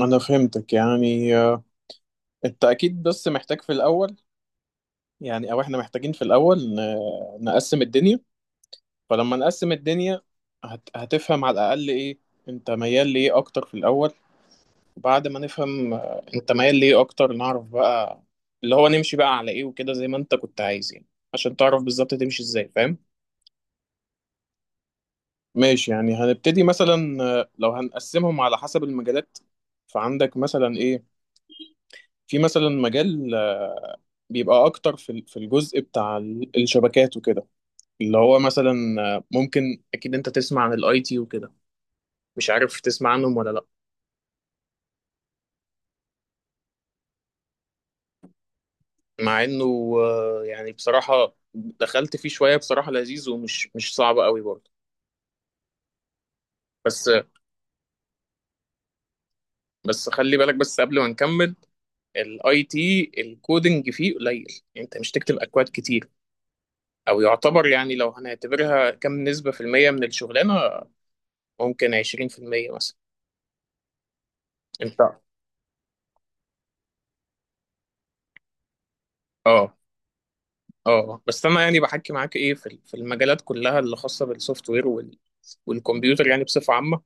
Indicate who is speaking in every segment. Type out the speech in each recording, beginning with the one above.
Speaker 1: انا فهمتك يعني، انت اكيد بس محتاج في الاول. يعني او احنا محتاجين في الاول نقسم الدنيا. فلما نقسم الدنيا هتفهم على الاقل ايه انت ميال ليه اكتر في الاول. وبعد ما نفهم انت ميال ليه اكتر، نعرف بقى اللي هو نمشي بقى على ايه وكده زي ما انت كنت عايز، يعني عشان تعرف بالظبط تمشي ازاي. فاهم؟ ماشي. يعني هنبتدي مثلا، لو هنقسمهم على حسب المجالات، فعندك مثلا ايه، في مثلا مجال بيبقى اكتر في في الجزء بتاع الشبكات وكده، اللي هو مثلا ممكن اكيد انت تسمع عن الاي تي وكده. مش عارف تسمع عنهم ولا لا؟ مع انه يعني بصراحة دخلت فيه شوية، بصراحة لذيذ ومش مش صعب قوي برضه. بس، بس خلي بالك بس قبل ما نكمل. الاي تي الكودنج فيه قليل، يعني انت مش تكتب اكواد كتير، او يعتبر، يعني لو هنعتبرها كم نسبة في المية من الشغلانة، ممكن 20% مثلا. انت اه اه بس انا يعني بحكي معاك، ايه، في المجالات كلها اللي خاصه بالسوفت وير والكمبيوتر، يعني بصفه عامه.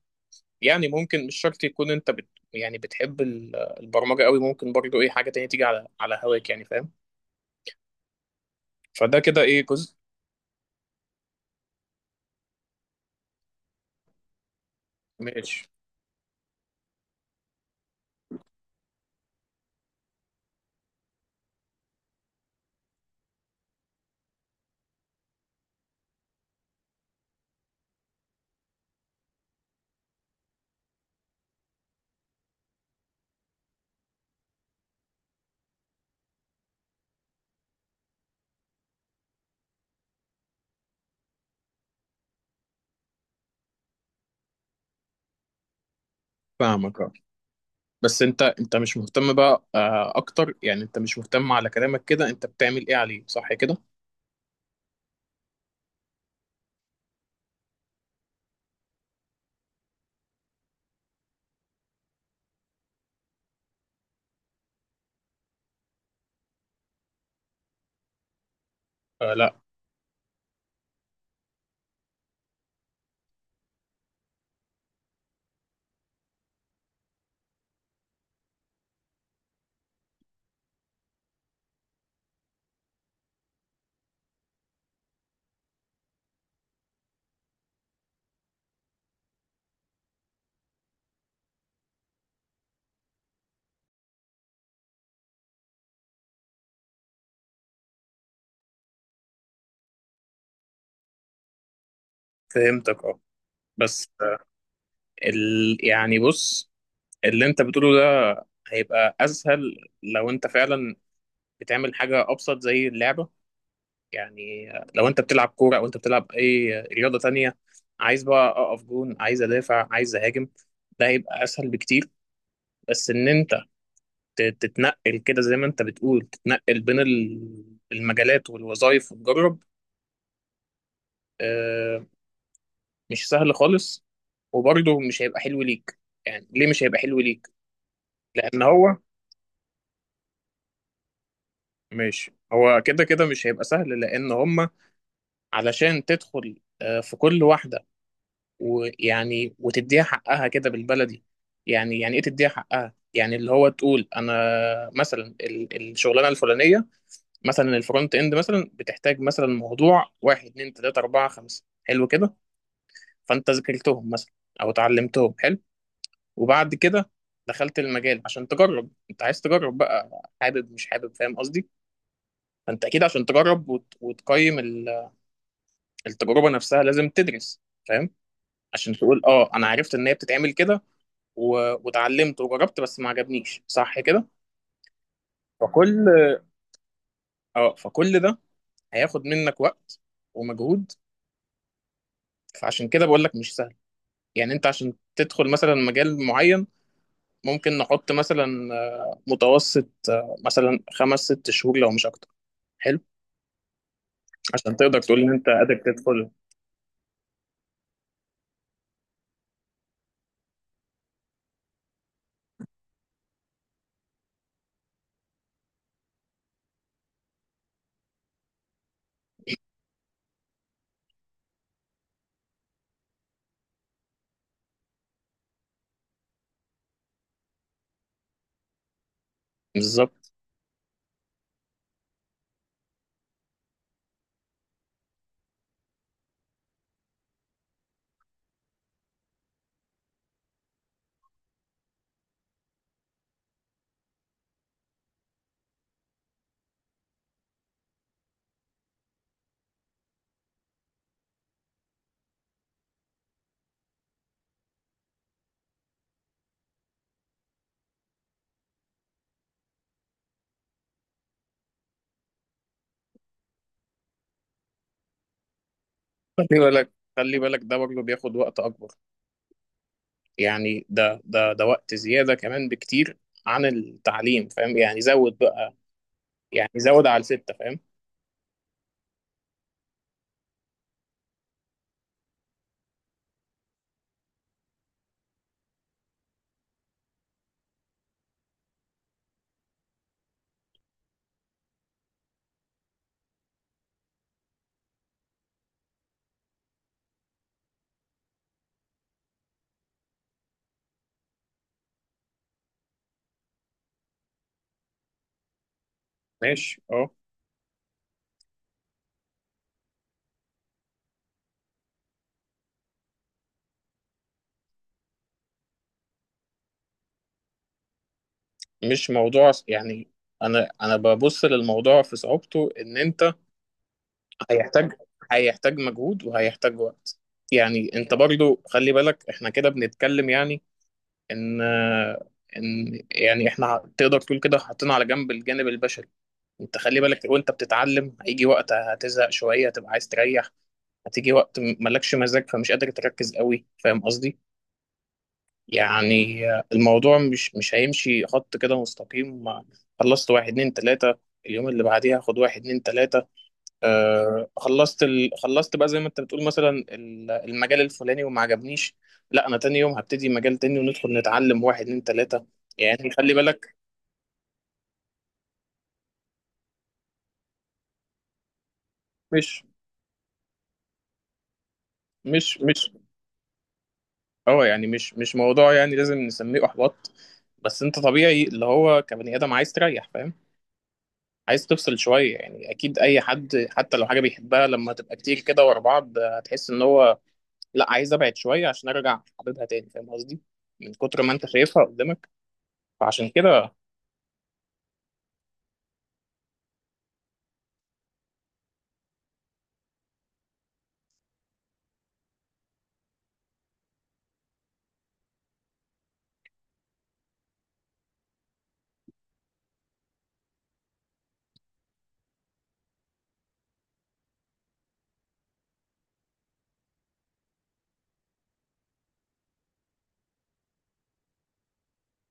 Speaker 1: يعني ممكن مش شرط يكون انت بت، يعني بتحب البرمجه قوي، ممكن برضو ايه حاجه تانية تيجي على هواك، يعني فاهم. فده كده ايه جزء. ماشي. فاهمك. اه بس انت مش مهتم بقى، اكتر، يعني انت مش مهتم، على كلامك كده انت بتعمل ايه عليه، صح كده؟ آه لا. فهمتك. اه بس يعني بص، اللي انت بتقوله ده هيبقى اسهل لو انت فعلا بتعمل حاجة أبسط زي اللعبة. يعني لو أنت بتلعب كورة أو أنت بتلعب أي رياضة تانية، عايز بقى أقف جون، عايز أدافع، عايز أهاجم، ده هيبقى أسهل بكتير. بس إن أنت تتنقل كده زي ما أنت بتقول، تتنقل بين المجالات والوظائف وتجرب، آه، مش سهل خالص، وبرضه مش هيبقى حلو ليك. يعني ليه مش هيبقى حلو ليك؟ لأن هو، ماشي، هو كده كده مش هيبقى سهل، لأن هما علشان تدخل في كل واحدة ويعني وتديها حقها كده بالبلدي. يعني ايه تديها حقها، يعني اللي هو تقول انا مثلا الشغلانه الفلانيه، مثلا الفرونت اند مثلا، بتحتاج مثلا موضوع واحد اتنين تلاته اربعه خمسه، حلو كده. فانت ذاكرتهم مثلا او اتعلمتهم، حلو. وبعد كده دخلت المجال عشان تجرب، انت عايز تجرب بقى، حابب مش حابب، فاهم قصدي؟ فانت اكيد عشان تجرب وتقيم التجربه نفسها لازم تدرس، فاهم؟ عشان تقول اه انا عرفت ان هي بتتعمل كده واتعلمت وجربت بس ما عجبنيش، صح كده؟ فكل اه فكل ده هياخد منك وقت ومجهود، فعشان كده بقول لك مش سهل. يعني انت عشان تدخل مثلا مجال معين، ممكن نحط مثلا متوسط مثلا خمس ست شهور لو مش اكتر. حلو. عشان تقدر تقول ان انت قادر تدخل. بالظبط. خلي بالك، خلي بالك ده برضه بياخد وقت اكبر. يعني ده وقت زياده كمان بكتير عن التعليم، فاهم؟ يعني زود بقى. يعني زود على الستة، فاهم؟ ماشي. اه. مش موضوع يعني، انا ببص للموضوع في صعوبته ان انت هيحتاج هيحتاج مجهود وهيحتاج وقت. يعني انت برضو خلي بالك، احنا كده بنتكلم يعني ان ان يعني احنا تقدر تقول كده حاطين على جنب الجانب البشري. انت خلي بالك، وانت بتتعلم هيجي وقت هتزهق شوية، هتبقى عايز تريح. هتيجي وقت مالكش مزاج فمش قادر تركز قوي، فاهم قصدي؟ يعني الموضوع مش هيمشي خط كده مستقيم. خلصت واحد اتنين تلاتة، اليوم اللي بعديها خد واحد اتنين تلاتة. آه. خلصت بقى زي ما انت بتقول مثلا المجال الفلاني وما عجبنيش. لا، انا تاني يوم هبتدي مجال تاني وندخل نتعلم واحد اتنين تلاتة. يعني خلي بالك، مش مش اه، يعني مش موضوع يعني لازم نسميه احباط. بس انت طبيعي اللي هو كبني ادم عايز تريح، فاهم؟ عايز تفصل شوية. يعني أكيد أي حد حتى لو حاجة بيحبها لما تبقى كتير كده ورا بعض، هتحس إن هو لأ، عايز أبعد شوية عشان أرجع حبيبها تاني، فاهم قصدي؟ من كتر ما أنت شايفها قدامك. فعشان كده.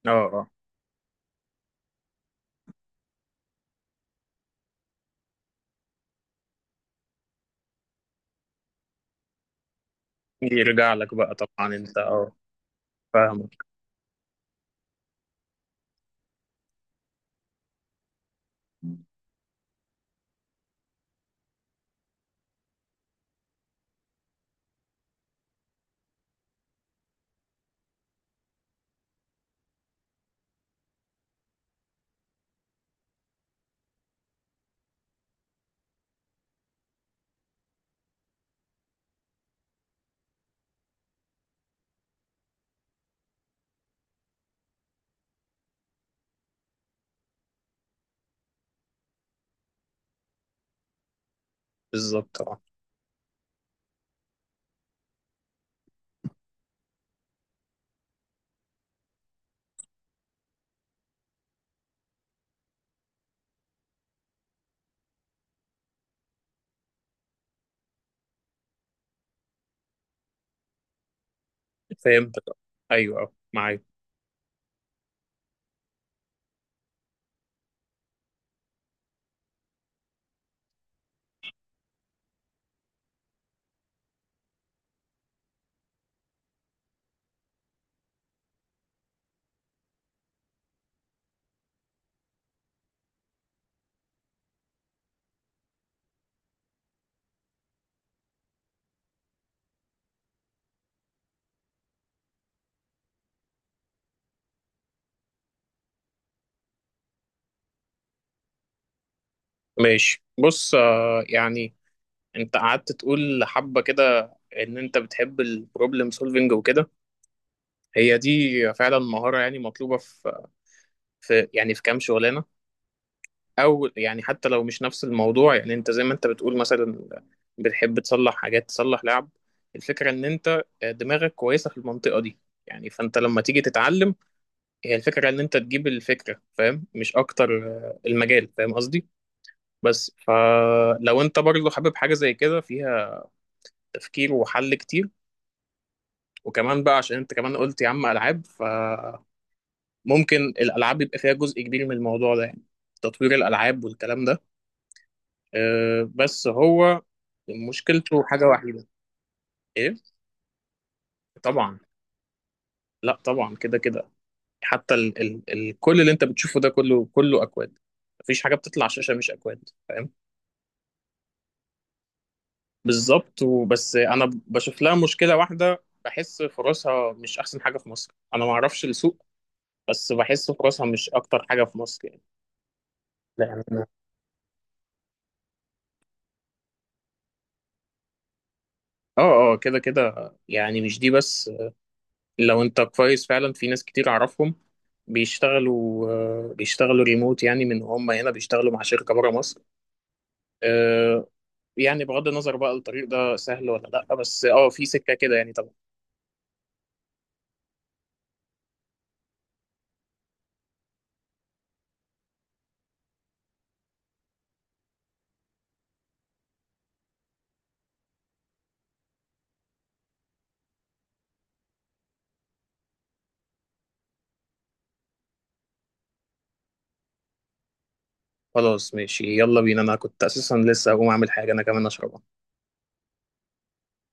Speaker 1: آه يرجع لك بقى طبعا، أنت أه. فاهمك. بالظبط، أه. فهمتك. آه. أيوه، أه، معاك. ماشي، بص، يعني، أنت قعدت تقول حبة كده إن أنت بتحب البروبلم سولفنج وكده. هي دي فعلا مهارة، يعني مطلوبة في كام شغلانة. او يعني حتى لو مش نفس الموضوع، يعني انت زي ما انت بتقول مثلا بتحب تصلح حاجات تصلح لعب. الفكره ان انت دماغك كويسه في المنطقه دي. يعني فانت لما تيجي تتعلم هي الفكره ان انت تجيب الفكره، فاهم، مش اكتر المجال، فاهم قصدي؟ بس فلو انت برضه حابب حاجه زي كده فيها تفكير وحل كتير، وكمان بقى عشان انت كمان قلت يا عم العاب، فممكن الالعاب يبقى فيها جزء كبير من الموضوع ده، يعني تطوير الالعاب والكلام ده، بس هو مشكلته حاجة واحدة. ايه؟ طبعا. لا طبعا كده كده. حتى ال ال ال كل اللي انت بتشوفه ده كله اكواد، مفيش حاجة بتطلع على الشاشة مش اكواد، فاهم؟ بالظبط. وبس انا بشوف لها مشكلة واحدة، بحس فرصها مش احسن حاجة في مصر، انا ما اعرفش السوق، بس بحس فرصها مش اكتر حاجة في مصر يعني. لأن اه كده كده، يعني مش دي بس، لو انت كويس فعلا، في ناس كتير اعرفهم بيشتغلوا بيشتغلوا ريموت، يعني من هم هنا بيشتغلوا مع شركة بره مصر. آه، يعني بغض النظر بقى الطريق ده سهل ولا لا، بس اه في سكة كده يعني طبعا. خلاص ماشي، يلا بينا، انا كنت اساسا لسه هقوم اعمل حاجة انا كمان اشربها.